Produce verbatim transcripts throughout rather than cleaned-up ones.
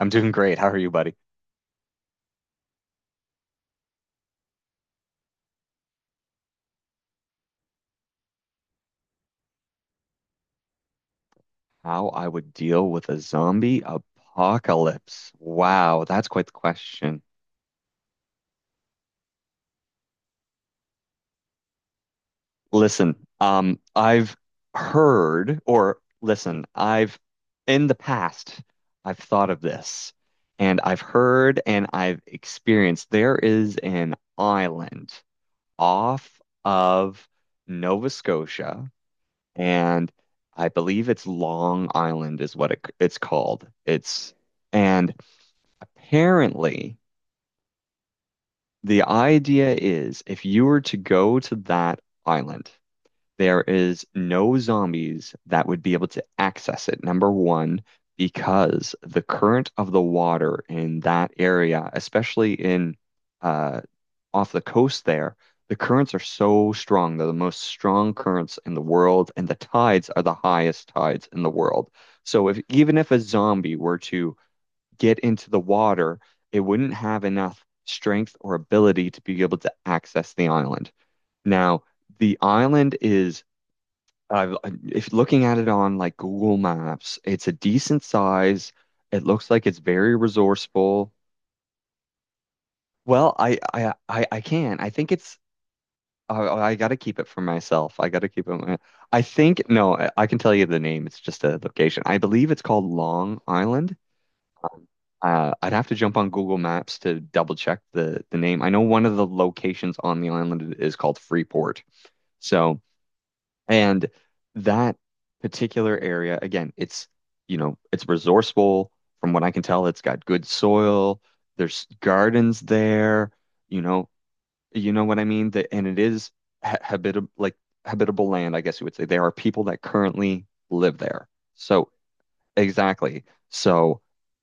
I'm doing great. How are you, buddy? How I would deal with a zombie apocalypse. Wow, that's quite the question. Listen, um, I've heard, or listen, I've in the past, I've thought of this, and I've heard and I've experienced there is an island off of Nova Scotia, and I believe it's Long Island is what it, it's called. It's and apparently, the idea is if you were to go to that island, there is no zombies that would be able to access it, number one, because the current of the water in that area, especially in uh, off the coast there, the currents are so strong. They're the most strong currents in the world, and the tides are the highest tides in the world. So if even if a zombie were to get into the water, it wouldn't have enough strength or ability to be able to access the island. Now, the island is, uh, if looking at it on like Google Maps, it's a decent size. It looks like it's very resourceful. Well, I I I, I can. I think it's. I, I got to keep it for myself. I got to keep it. my- I think no. I, I can tell you the name. It's just a location. I believe it's called Long Island. Uh, I'd have to jump on Google Maps to double check the the name. I know one of the locations on the island is called Freeport. So, and that particular area, again, it's you know, it's resourceful. From what I can tell, it's got good soil. There's gardens there. You know, you know what I mean? The, and it is ha habitable, like habitable land, I guess you would say. There are people that currently live there. So, exactly. So,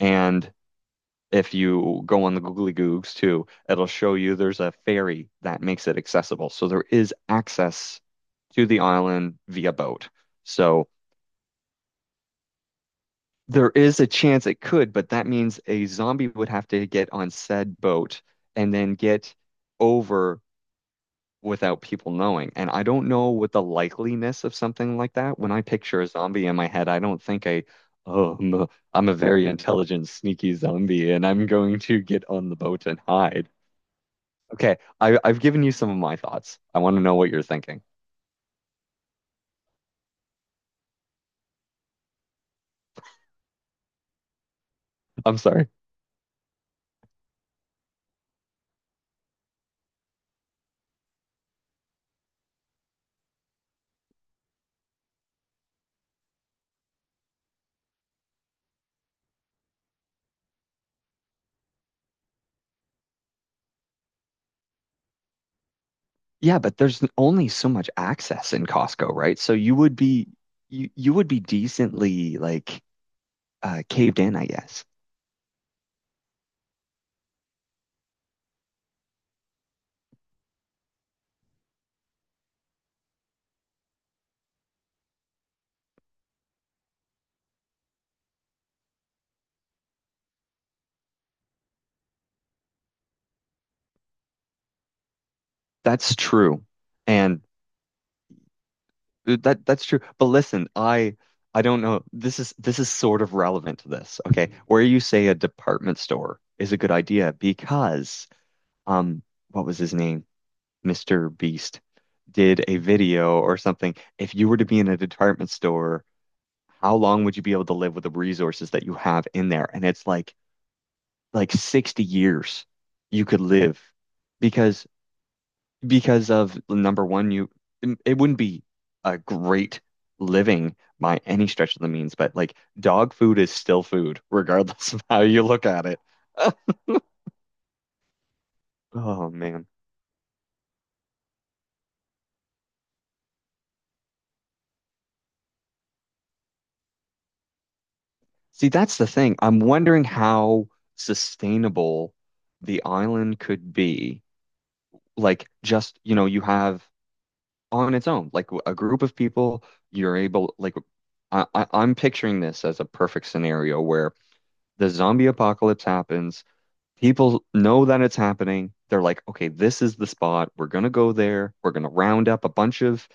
and if you go on the Googly Googs too, it'll show you there's a ferry that makes it accessible. So there is access to the island via boat. So there is a chance it could, but that means a zombie would have to get on said boat and then get over without people knowing. And I don't know what the likeliness of something like that. When I picture a zombie in my head, I don't think I, oh, I'm a, I'm a very intelligent, sneaky zombie, and I'm going to get on the boat and hide. Okay, I, I've given you some of my thoughts. I want to know what you're thinking. I'm sorry. Yeah, but there's only so much access in Costco, right? So you would be you you would be decently like uh, caved in, I guess. That's true, and that that's true. But listen, I I don't know. This is this is sort of relevant to this. Okay, where you say a department store is a good idea because um, what was his name? Mister Beast did a video or something, if you were to be in a department store, how long would you be able to live with the resources that you have in there? And it's like like sixty years you could live because because of number one, you it wouldn't be a great living by any stretch of the means, but like dog food is still food, regardless of how you look at it. Oh man. See, that's the thing. I'm wondering how sustainable the island could be. Like, just, you know, you have on its own, like a group of people, you're able, like, I, I, I'm picturing this as a perfect scenario where the zombie apocalypse happens. People know that it's happening. They're like, okay, this is the spot. We're gonna go there. We're gonna round up a bunch of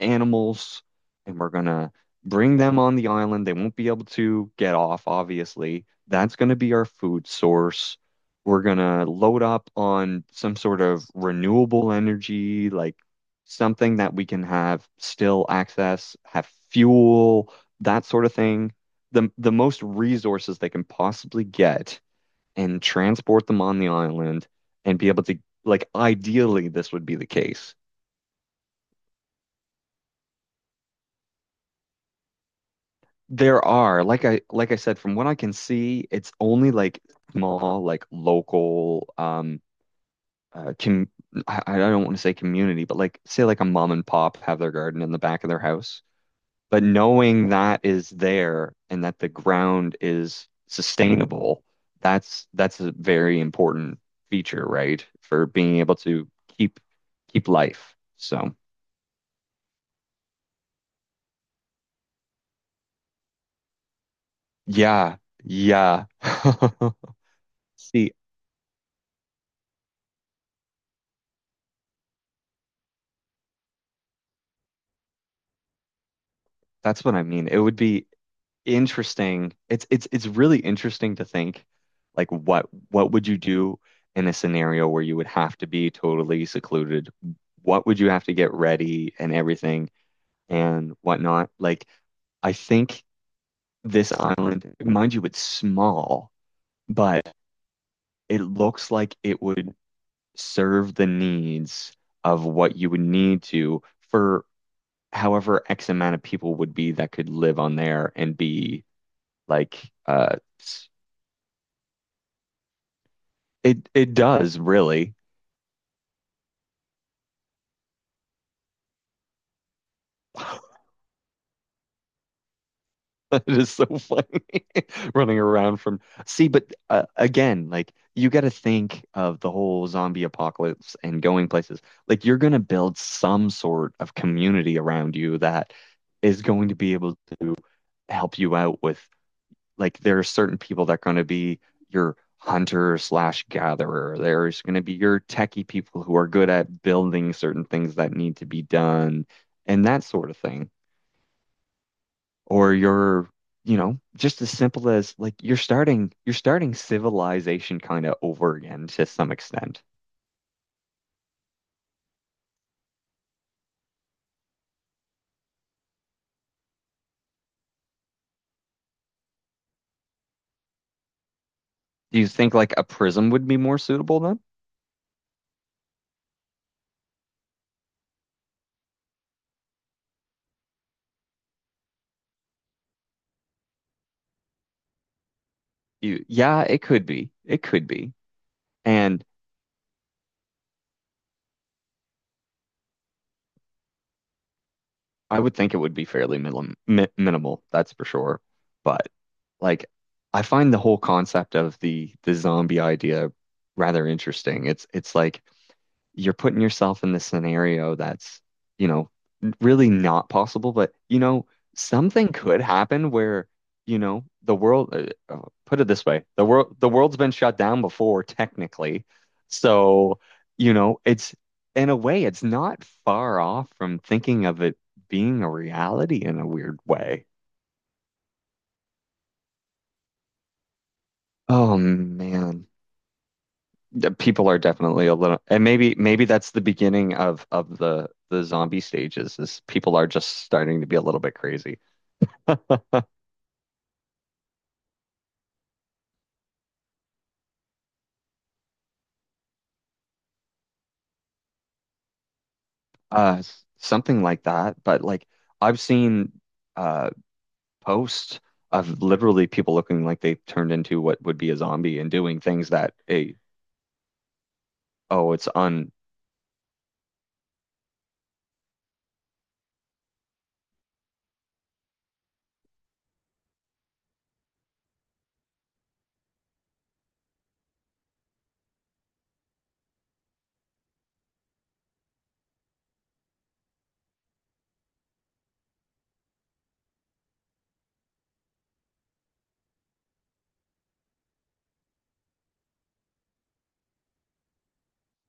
animals and we're gonna bring them on the island. They won't be able to get off, obviously. That's gonna be our food source. We're gonna load up on some sort of renewable energy, like something that we can have still access, have fuel, that sort of thing. The the most resources they can possibly get and transport them on the island and be able to like ideally this would be the case. There are, like I like I said, from what I can see, it's only like small, like local, um, uh, com I, I don't want to say community, but like say like a mom and pop have their garden in the back of their house. But knowing that is there and that the ground is sustainable, that's that's a very important feature, right? For being able to keep keep life. So yeah, yeah. See, that's what I mean. It would be interesting. It's it's it's really interesting to think like what what would you do in a scenario where you would have to be totally secluded? What would you have to get ready and everything and whatnot? Like I think this island, mind you, it's small, but it looks like it would serve the needs of what you would need to for however X amount of people would be that could live on there and be like uh s- It it does really. It is so funny running around from. See, but uh, again, like you got to think of the whole zombie apocalypse and going places. Like you're going to build some sort of community around you that is going to be able to help you out with. Like there are certain people that are going to be your hunter slash gatherer. There's going to be your techie people who are good at building certain things that need to be done and that sort of thing. Or you're, you know, just as simple as like you're starting you're starting civilization kind of over again to some extent. Do you think like a prism would be more suitable then? You, yeah, it could be. It could be. And I would think it would be fairly minim mi minimal, that's for sure. But like I find the whole concept of the the zombie idea rather interesting. It's it's like you're putting yourself in this scenario that's, you know, really not possible, but you know, something could happen where, you know, the world uh, uh, put it this way, the world the world's been shut down before technically. So, you know, it's in a way it's not far off from thinking of it being a reality in a weird way. Oh man. The people are definitely a little, and maybe maybe that's the beginning of of the the zombie stages is people are just starting to be a little bit crazy. Uh, s- something like that. But like I've seen uh posts of literally people looking like they turned into what would be a zombie and doing things that a oh it's un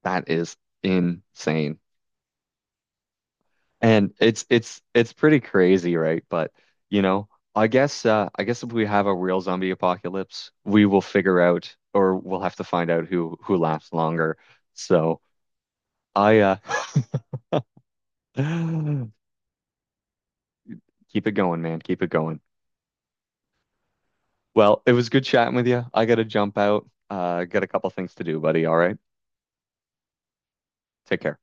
that is insane. And it's it's it's pretty crazy, right? But you know, I guess uh I guess if we have a real zombie apocalypse, we will figure out or we'll have to find out who who lasts longer. So I uh keep it going, man. Keep it going. Well, it was good chatting with you. I gotta jump out. Uh got a couple things to do, buddy. All right. Take care.